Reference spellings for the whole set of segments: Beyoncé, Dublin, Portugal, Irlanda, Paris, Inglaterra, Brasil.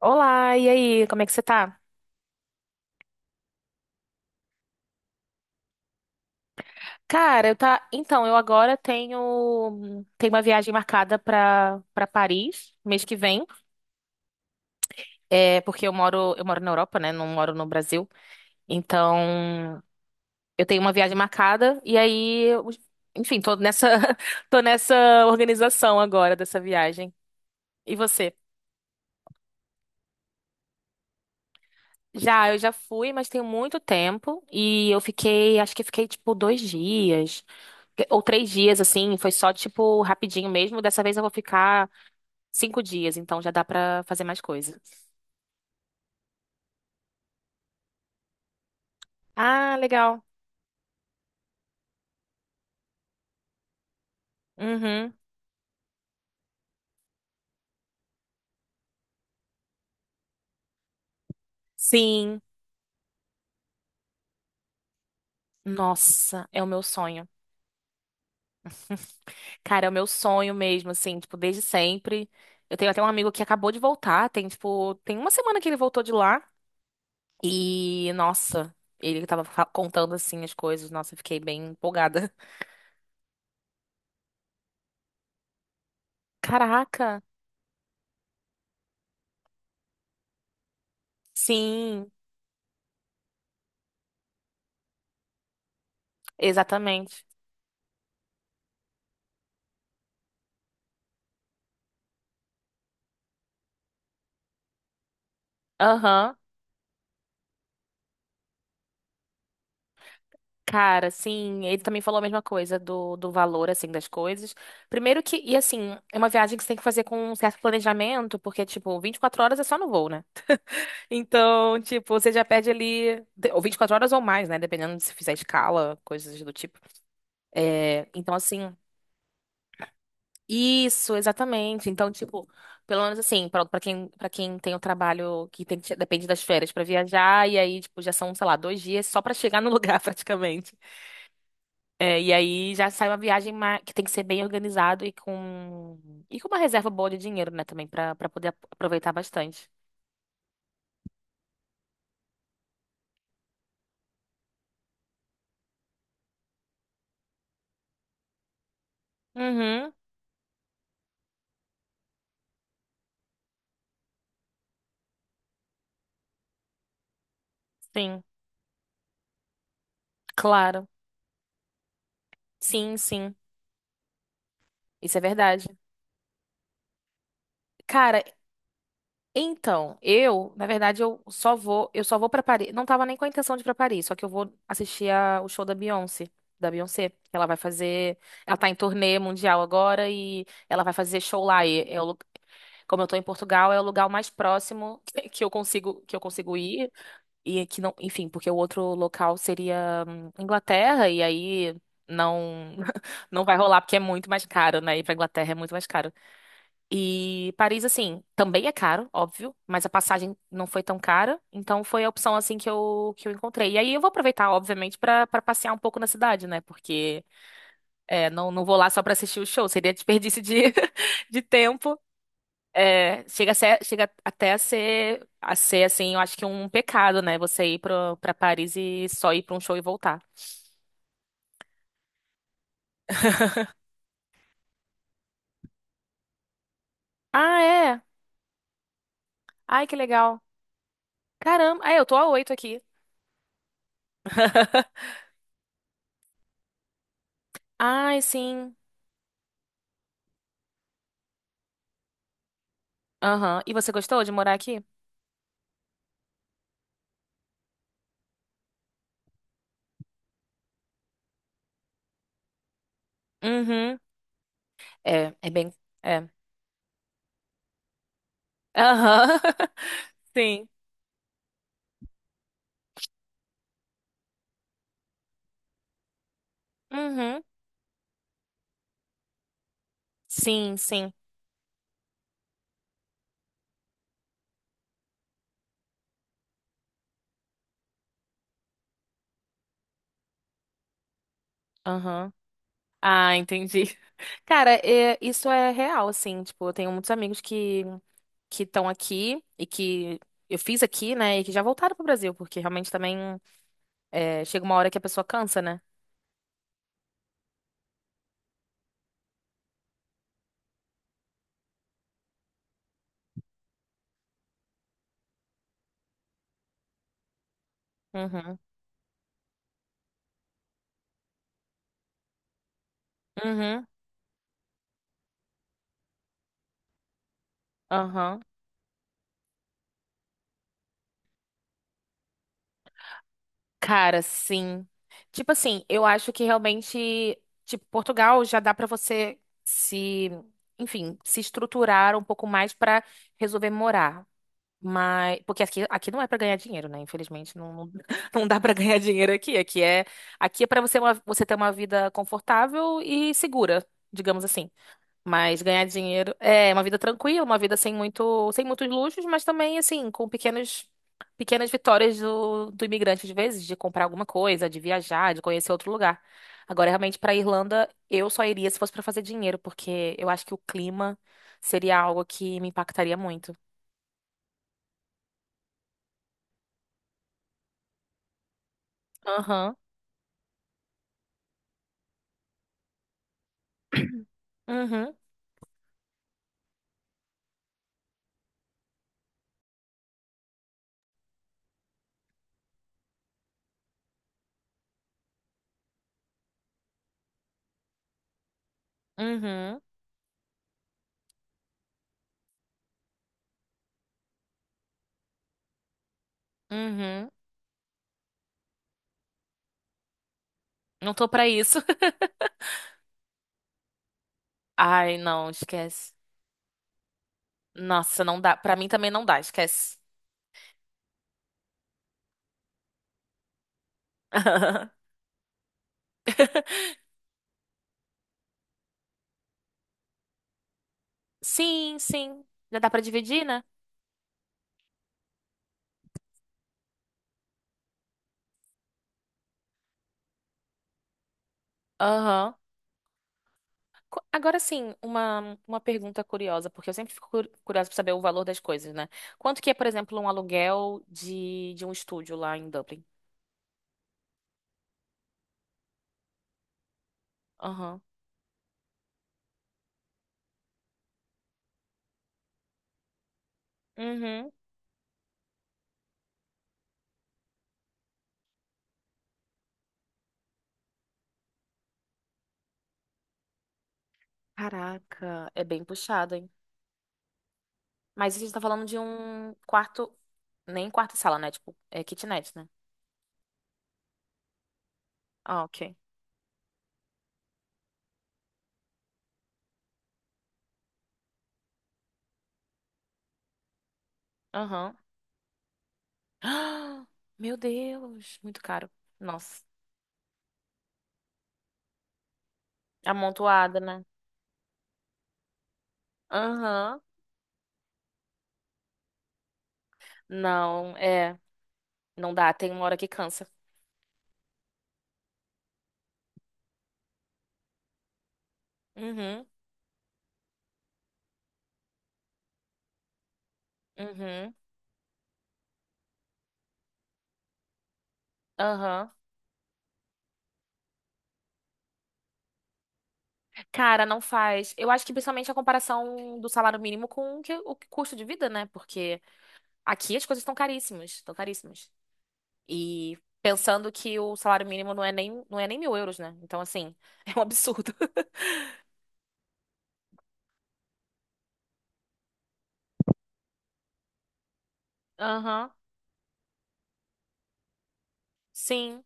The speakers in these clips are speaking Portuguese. Olá, e aí, como é que você tá? Cara, eu tá. Então, eu agora tenho uma viagem marcada pra para Paris mês que vem. É, porque eu moro na Europa, né? Não moro no Brasil. Então, eu tenho uma viagem marcada e aí, enfim, tô nessa tô nessa organização agora dessa viagem. E você? Já, eu já fui, mas tem muito tempo. E eu fiquei, acho que fiquei tipo 2 dias. Ou 3 dias, assim. Foi só tipo rapidinho mesmo. Dessa vez eu vou ficar 5 dias, então já dá pra fazer mais coisa. Ah, legal. Uhum. Sim. Nossa, é o meu sonho. Cara, é o meu sonho mesmo, assim, tipo, desde sempre. Eu tenho até um amigo que acabou de voltar, tem, tipo, tem uma semana que ele voltou de lá. E, nossa, ele tava contando, assim, as coisas. Nossa, eu fiquei bem empolgada. Caraca, sim, exatamente. Aham. Cara, sim, ele também falou a mesma coisa do valor, assim, das coisas. Primeiro que, e assim, é uma viagem que você tem que fazer com um certo planejamento, porque, tipo, 24 horas é só no voo, né? Então, tipo, você já perde ali, ou 24 horas ou mais, né? Dependendo de se fizer escala, coisas do tipo. É, então, assim. Isso, exatamente. Então, tipo, pelo menos assim, pronto, para quem tem o trabalho que tem que depende das férias pra viajar, e aí, tipo, já são, sei lá, 2 dias só pra chegar no lugar, praticamente. É, e aí já sai uma viagem que tem que ser bem organizado e com uma reserva boa de dinheiro, né, também, pra para poder aproveitar bastante. Uhum, sim, claro. Sim, sim. Isso é verdade. Cara, então, eu, na verdade, eu só vou pra Paris. Não tava nem com a intenção de ir pra Paris, só que eu vou assistir o show da Beyoncé, que ela vai fazer, ela tá em turnê mundial agora e ela vai fazer show lá. E é o como eu tô em Portugal, é o lugar mais próximo que eu consigo ir e que não, enfim, porque o outro local seria Inglaterra e aí não não vai rolar porque é muito mais caro, né? Ir pra Inglaterra é muito mais caro. E Paris, assim, também é caro, óbvio, mas a passagem não foi tão cara, então foi a opção, assim, que eu encontrei. E aí eu vou aproveitar, obviamente, pra para passear um pouco na cidade, né? Porque é, não, não vou lá só pra assistir o show, seria desperdício de, de tempo. É, chega até a ser, assim, eu acho que um pecado, né? Você ir pra Paris e só ir pra um show e voltar. Ah, é? Ai, que legal. Caramba, é, eu tô a 8 aqui. Ai, sim. Aham. E você gostou de morar aqui? Uhum. É, é bem. É. Aham. Sim. Uhum. Sim, sim. Aham. Ah, entendi. Cara, isso é real, assim. Tipo, eu tenho muitos amigos que estão aqui e que eu fiz aqui, né? E que já voltaram pro Brasil, porque realmente também é, chega uma hora que a pessoa cansa, né? Uhum. Uhum. Aham. Cara, sim. Tipo assim, eu acho que realmente, tipo, Portugal já dá pra você se, enfim, se estruturar um pouco mais pra resolver morar. Mas, porque aqui não é pra ganhar dinheiro, né? Infelizmente, não, não, não dá pra ganhar dinheiro aqui. Aqui é, para você, você ter uma vida confortável e segura, digamos assim. Mas ganhar dinheiro é uma vida tranquila, uma vida sem muitos luxos, mas também assim, com pequenas vitórias do imigrante às vezes, de comprar alguma coisa, de viajar, de conhecer outro lugar. Agora, realmente, para Irlanda, eu só iria se fosse para fazer dinheiro, porque eu acho que o clima seria algo que me impactaria muito. Aham. Uhum. Uhum. Uhum. Não tô pra isso. Ai, não, esquece. Nossa, não dá. Pra mim também não dá, esquece. Sim, sim. Já dá pra dividir, né? Aham. Agora sim, uma pergunta curiosa, porque eu sempre fico curiosa para saber o valor das coisas, né? Quanto que é, por exemplo, um aluguel de um estúdio lá em Dublin? Aham. Uhum. Caraca, é bem puxado, hein? Mas a gente tá falando de um quarto, nem quarto e sala, né? Tipo, é kitnet, né? Ah, ok. Aham. Ah, meu Deus, muito caro. Nossa, amontoada, né? Aham. Não, é, não dá, tem uma hora que cansa. Uhum, uhum. Aham. Cara, não faz. Eu acho que principalmente a comparação do salário mínimo com custo de vida, né? Porque aqui as coisas estão caríssimas, estão caríssimas. E pensando que o salário mínimo não é nem 1.000 euros, né? Então, assim, é um absurdo. Aham. Sim.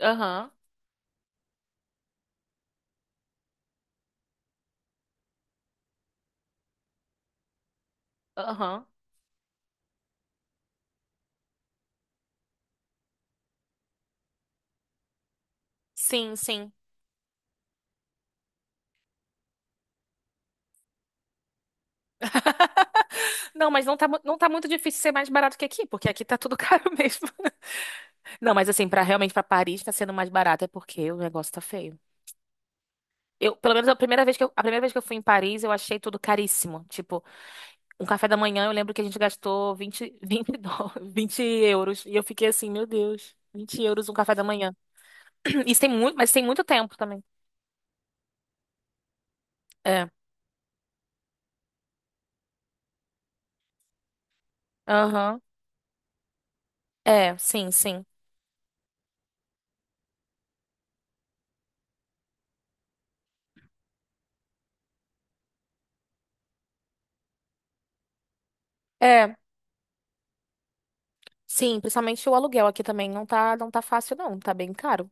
Aham. Aham. Sim, sim. Não, mas não tá muito difícil ser mais barato que aqui, porque aqui tá tudo caro mesmo. Não, mas assim, pra realmente pra Paris tá sendo mais barato é porque o negócio tá feio. Eu, pelo menos a primeira vez que eu, a primeira vez que eu fui em Paris, eu achei tudo caríssimo. Tipo, um café da manhã, eu lembro que a gente gastou vinte, 20, dólares, 20 euros. E eu fiquei assim, meu Deus, 20 euros um café da manhã. Isso tem muito, mas tem muito tempo também. É. Aham. É, sim, sim. É, sim, principalmente o aluguel aqui também não tá fácil, não. Tá bem caro.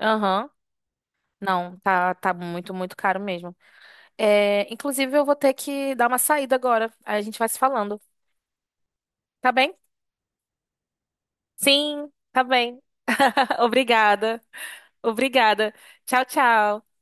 Aham. Não, tá muito, muito caro mesmo. É, inclusive, eu vou ter que dar uma saída agora. Aí a gente vai se falando. Tá bem? Sim, tá bem. Obrigada. Obrigada. Tchau, tchau.